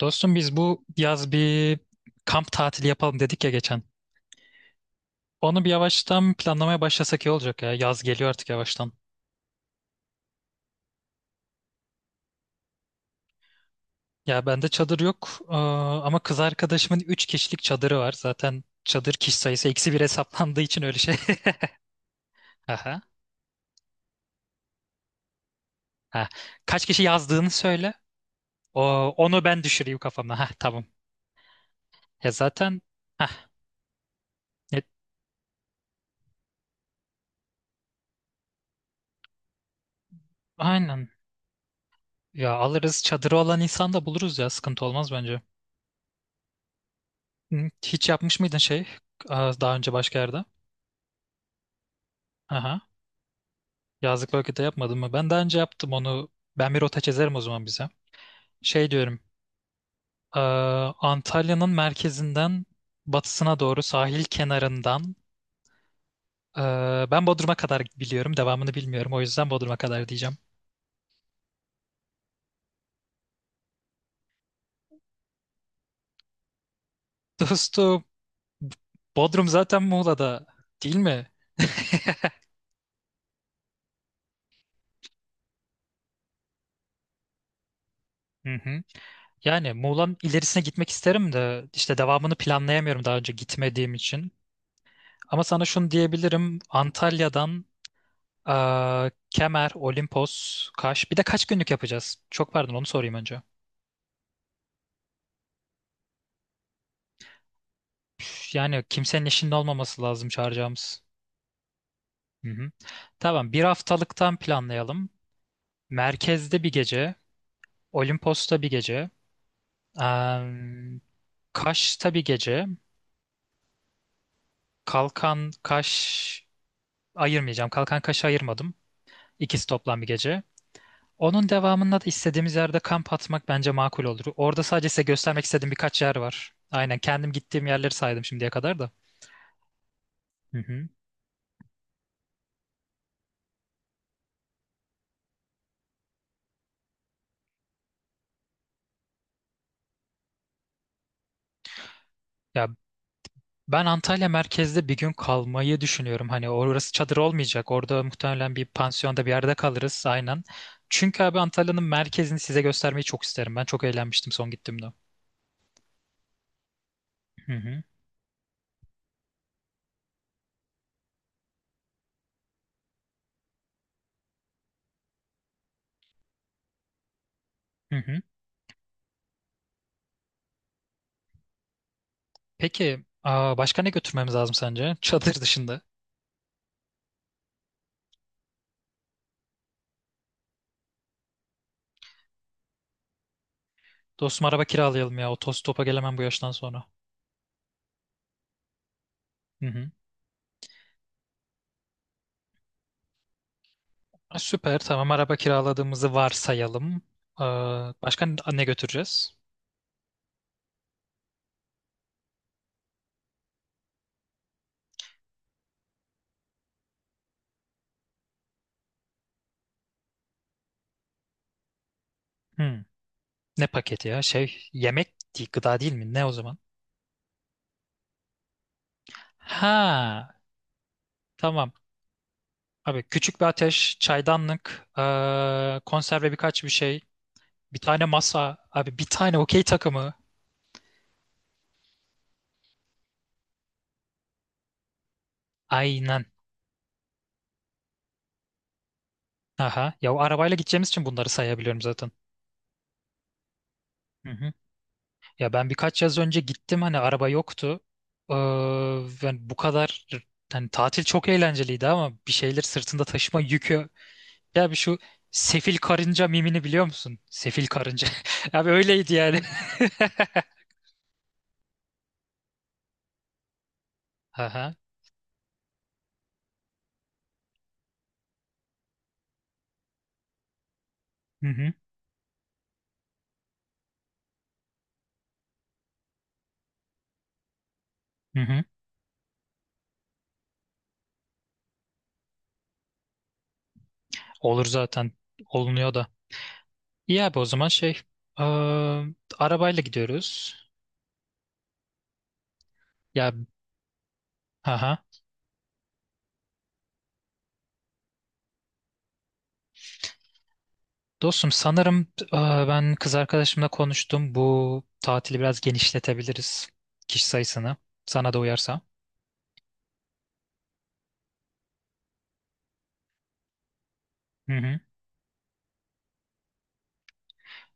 Dostum biz bu yaz bir kamp tatili yapalım dedik ya geçen. Onu bir yavaştan planlamaya başlasak iyi olacak ya. Yaz geliyor artık yavaştan. Ya bende çadır yok ama kız arkadaşımın 3 kişilik çadırı var. Zaten çadır kişi sayısı eksi bir hesaplandığı için öyle şey. Aha. Ha. Kaç kişi yazdığını söyle. O, onu ben düşüreyim kafamda. Ha, tamam. Ya zaten ha aynen. Ya alırız, çadırı olan insan da buluruz, ya sıkıntı olmaz bence. Hı, hiç yapmış mıydın şey daha önce başka yerde? Aha. Yazlık bölgede yapmadım mı? Ben daha önce yaptım onu. Ben bir rota çizerim o zaman bize. Şey diyorum. eee, Antalya'nın merkezinden batısına doğru sahil kenarından, ben Bodrum'a kadar biliyorum. Devamını bilmiyorum. O yüzden Bodrum'a kadar diyeceğim. Dostum, Bodrum zaten Muğla'da değil mi? Hı hı. Yani Muğla'nın ilerisine gitmek isterim de işte devamını planlayamıyorum daha önce gitmediğim için. Ama sana şunu diyebilirim. Antalya'dan Kemer, Olimpos, Kaş. Bir de kaç günlük yapacağız? Çok pardon, onu sorayım önce. Yani kimsenin işinde olmaması lazım çağıracağımız. Hı hı. Tamam, bir haftalıktan planlayalım. Merkezde bir gece, Olimpos'ta bir gece, eee, Kaş'ta bir gece. Kalkan Kaş ayırmayacağım. Kalkan Kaş'ı ayırmadım. İkisi toplam bir gece. Onun devamında da istediğimiz yerde kamp atmak bence makul olur. Orada sadece size göstermek istediğim birkaç yer var. Aynen kendim gittiğim yerleri saydım şimdiye kadar da. Hı hı. Ya ben Antalya merkezde bir gün kalmayı düşünüyorum. Hani orası çadır olmayacak. Orada muhtemelen bir pansiyonda, bir yerde kalırız aynen. Çünkü abi Antalya'nın merkezini size göstermeyi çok isterim. Ben çok eğlenmiştim son gittiğimde. Hı hı. Hı hı. Peki başka ne götürmemiz lazım sence? Çadır dışında. Dostum, araba kiralayalım ya. Otostopa gelemem bu yaştan sonra. Hı hı. Ha, süper. Tamam, araba kiraladığımızı varsayalım. Başka ne götüreceğiz? Hı. Ne paketi ya? Şey, yemek değil, gıda değil mi? Ne o zaman? Ha, tamam. Abi, küçük bir ateş, çaydanlık, konserve birkaç bir şey, bir tane masa, abi bir tane okey takımı. Aynen. Aha. Ya o arabayla gideceğimiz için bunları sayabiliyorum zaten. Hı hı. Ya ben birkaç yaz önce gittim, hani araba yoktu. Eee, yani bu kadar, hani tatil çok eğlenceliydi ama bir şeyleri sırtında taşıma yükü. Ya bir şu sefil karınca mimini biliyor musun? Sefil karınca. Abi öyleydi yani. Aha. Hı hı. Hı hı. Olur zaten. Olunuyor da. İyi abi, o zaman şey, eee, arabayla gidiyoruz. Ya haha. Dostum, sanırım ben kız arkadaşımla konuştum. Bu tatili biraz genişletebiliriz. Kişi sayısını. Sana da uyarsa. Hı hı.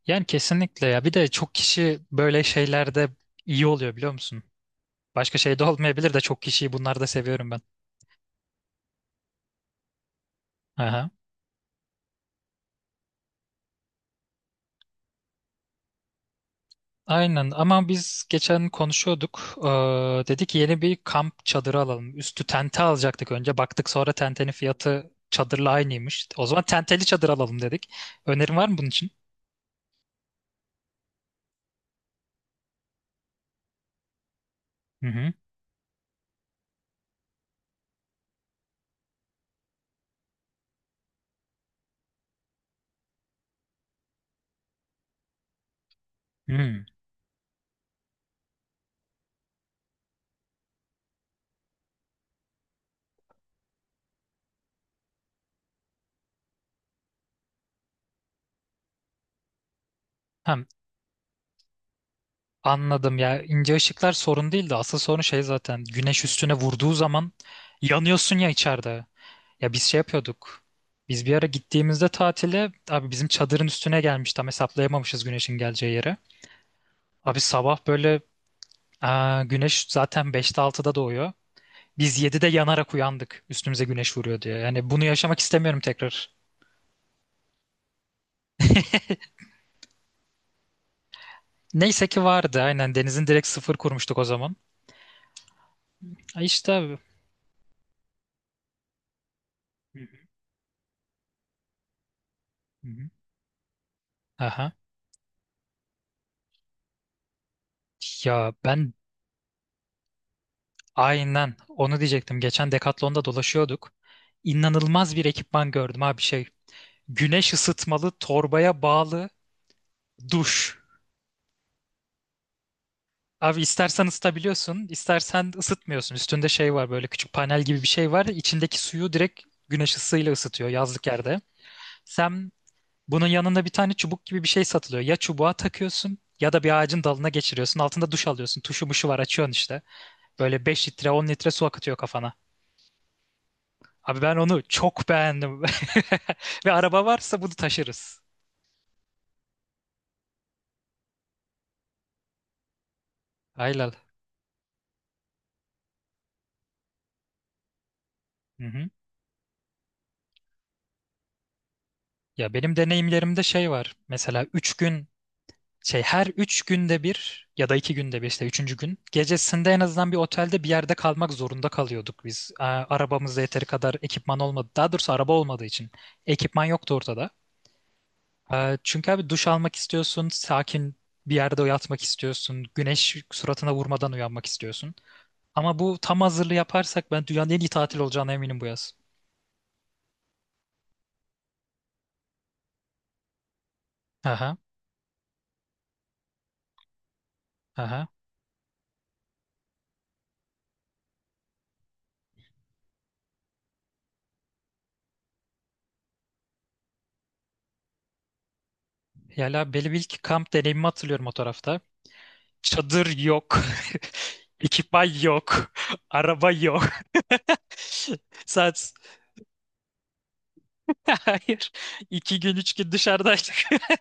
Yani kesinlikle ya. Bir de çok kişi böyle şeylerde iyi oluyor, biliyor musun? Başka şey de olmayabilir de, çok kişiyi bunlarda seviyorum ben. Aha. Aynen, ama biz geçen konuşuyorduk. Dedi ki yeni bir kamp çadırı alalım. Üstü tente alacaktık önce. Baktık sonra tentenin fiyatı çadırla aynıymış. O zaman tenteli çadır alalım dedik. Önerin var mı bunun için? Hı hı. Hı. Hem anladım ya, ince ışıklar sorun değil de asıl sorun şey, zaten güneş üstüne vurduğu zaman yanıyorsun ya içeride. Ya biz şey yapıyorduk. Biz bir ara gittiğimizde tatile, abi, bizim çadırın üstüne gelmiş, tam hesaplayamamışız güneşin geleceği yere. Abi sabah böyle. Güneş zaten 5'te 6'da doğuyor. Biz 7'de yanarak uyandık. Üstümüze güneş vuruyor diye. Yani bunu yaşamak istemiyorum tekrar. Neyse ki vardı aynen. Denizin direkt sıfır kurmuştuk o zaman. Ay, işte abi. Hı hı. Hı. Aha. Ya ben aynen onu diyecektim. Geçen Decathlon'da dolaşıyorduk. İnanılmaz bir ekipman gördüm abi, şey, güneş ısıtmalı torbaya bağlı duş. Abi istersen ısıtabiliyorsun, istersen ısıtmıyorsun. Üstünde şey var, böyle küçük panel gibi bir şey var. İçindeki suyu direkt güneş ısısıyla ısıtıyor yazlık yerde. Sen, bunun yanında bir tane çubuk gibi bir şey satılıyor. Ya çubuğa takıyorsun ya da bir ağacın dalına geçiriyorsun. Altında duş alıyorsun. Tuşu muşu var, açıyorsun işte. Böyle 5 litre 10 litre su akıtıyor kafana. Abi ben onu çok beğendim. Ve araba varsa bunu taşırız. Aynen. Hı hı. Ya benim deneyimlerimde şey var. Mesela 3 gün şey, her üç günde bir ya da iki günde bir, işte üçüncü gün gecesinde en azından bir otelde, bir yerde kalmak zorunda kalıyorduk biz. Arabamızda yeteri kadar ekipman olmadı. Daha doğrusu, araba olmadığı için ekipman yoktu ortada. Çünkü abi duş almak istiyorsun, sakin bir yerde yatmak istiyorsun, güneş suratına vurmadan uyanmak istiyorsun. Ama bu tam hazırlığı yaparsak ben dünyanın en iyi tatil olacağına eminim bu yaz. Aha, aha. Yala Belivik kamp deneyimimi hatırlıyorum o tarafta. Çadır yok. Ekipman yok. Araba yok. Saat... Hayır. İki gün, üç gün dışarıdaydık.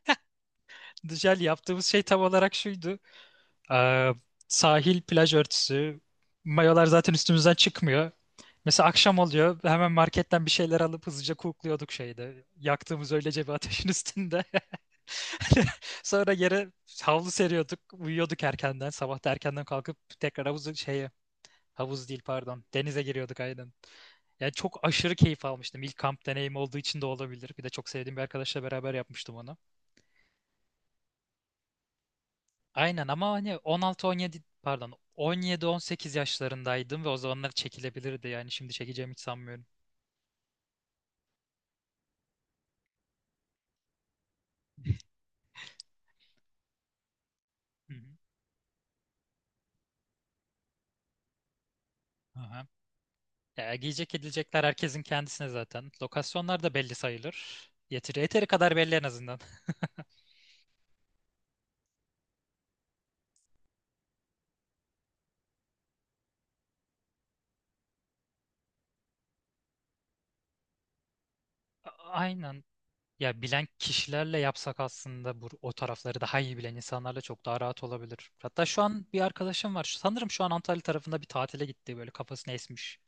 Dışarı yaptığımız şey tam olarak şuydu. Ee, sahil, plaj örtüsü. Mayolar zaten üstümüzden çıkmıyor. Mesela akşam oluyor. Hemen marketten bir şeyler alıp hızlıca kukluyorduk şeyde, yaktığımız öylece bir ateşin üstünde. Sonra yere havlu seriyorduk. Uyuyorduk erkenden. Sabah da erkenden kalkıp tekrar havuzu, şeye, havuz değil pardon, denize giriyorduk aynen. Yani çok aşırı keyif almıştım. İlk kamp deneyim olduğu için de olabilir. Bir de çok sevdiğim bir arkadaşla beraber yapmıştım onu. Aynen ama hani 16-17, pardon, 17-18 yaşlarındaydım ve o zamanlar çekilebilirdi. Yani şimdi çekeceğimi hiç sanmıyorum. Hı hı. Aha. Ya, giyecek edilecekler herkesin kendisine zaten. Lokasyonlar da belli sayılır. Yeteri kadar belli en azından. A- Aynen. Ya bilen kişilerle yapsak aslında, bu o tarafları daha iyi bilen insanlarla çok daha rahat olabilir. Hatta şu an bir arkadaşım var. Sanırım şu an Antalya tarafında bir tatile gitti, böyle kafasını esmiş.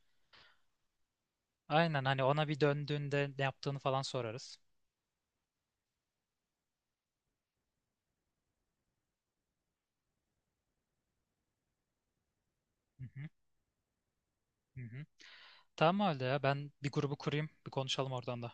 Aynen, hani ona bir döndüğünde ne yaptığını falan sorarız. Hı hı, hı hı. Tamam, öyle ya, ben bir grubu kurayım, bir konuşalım oradan da.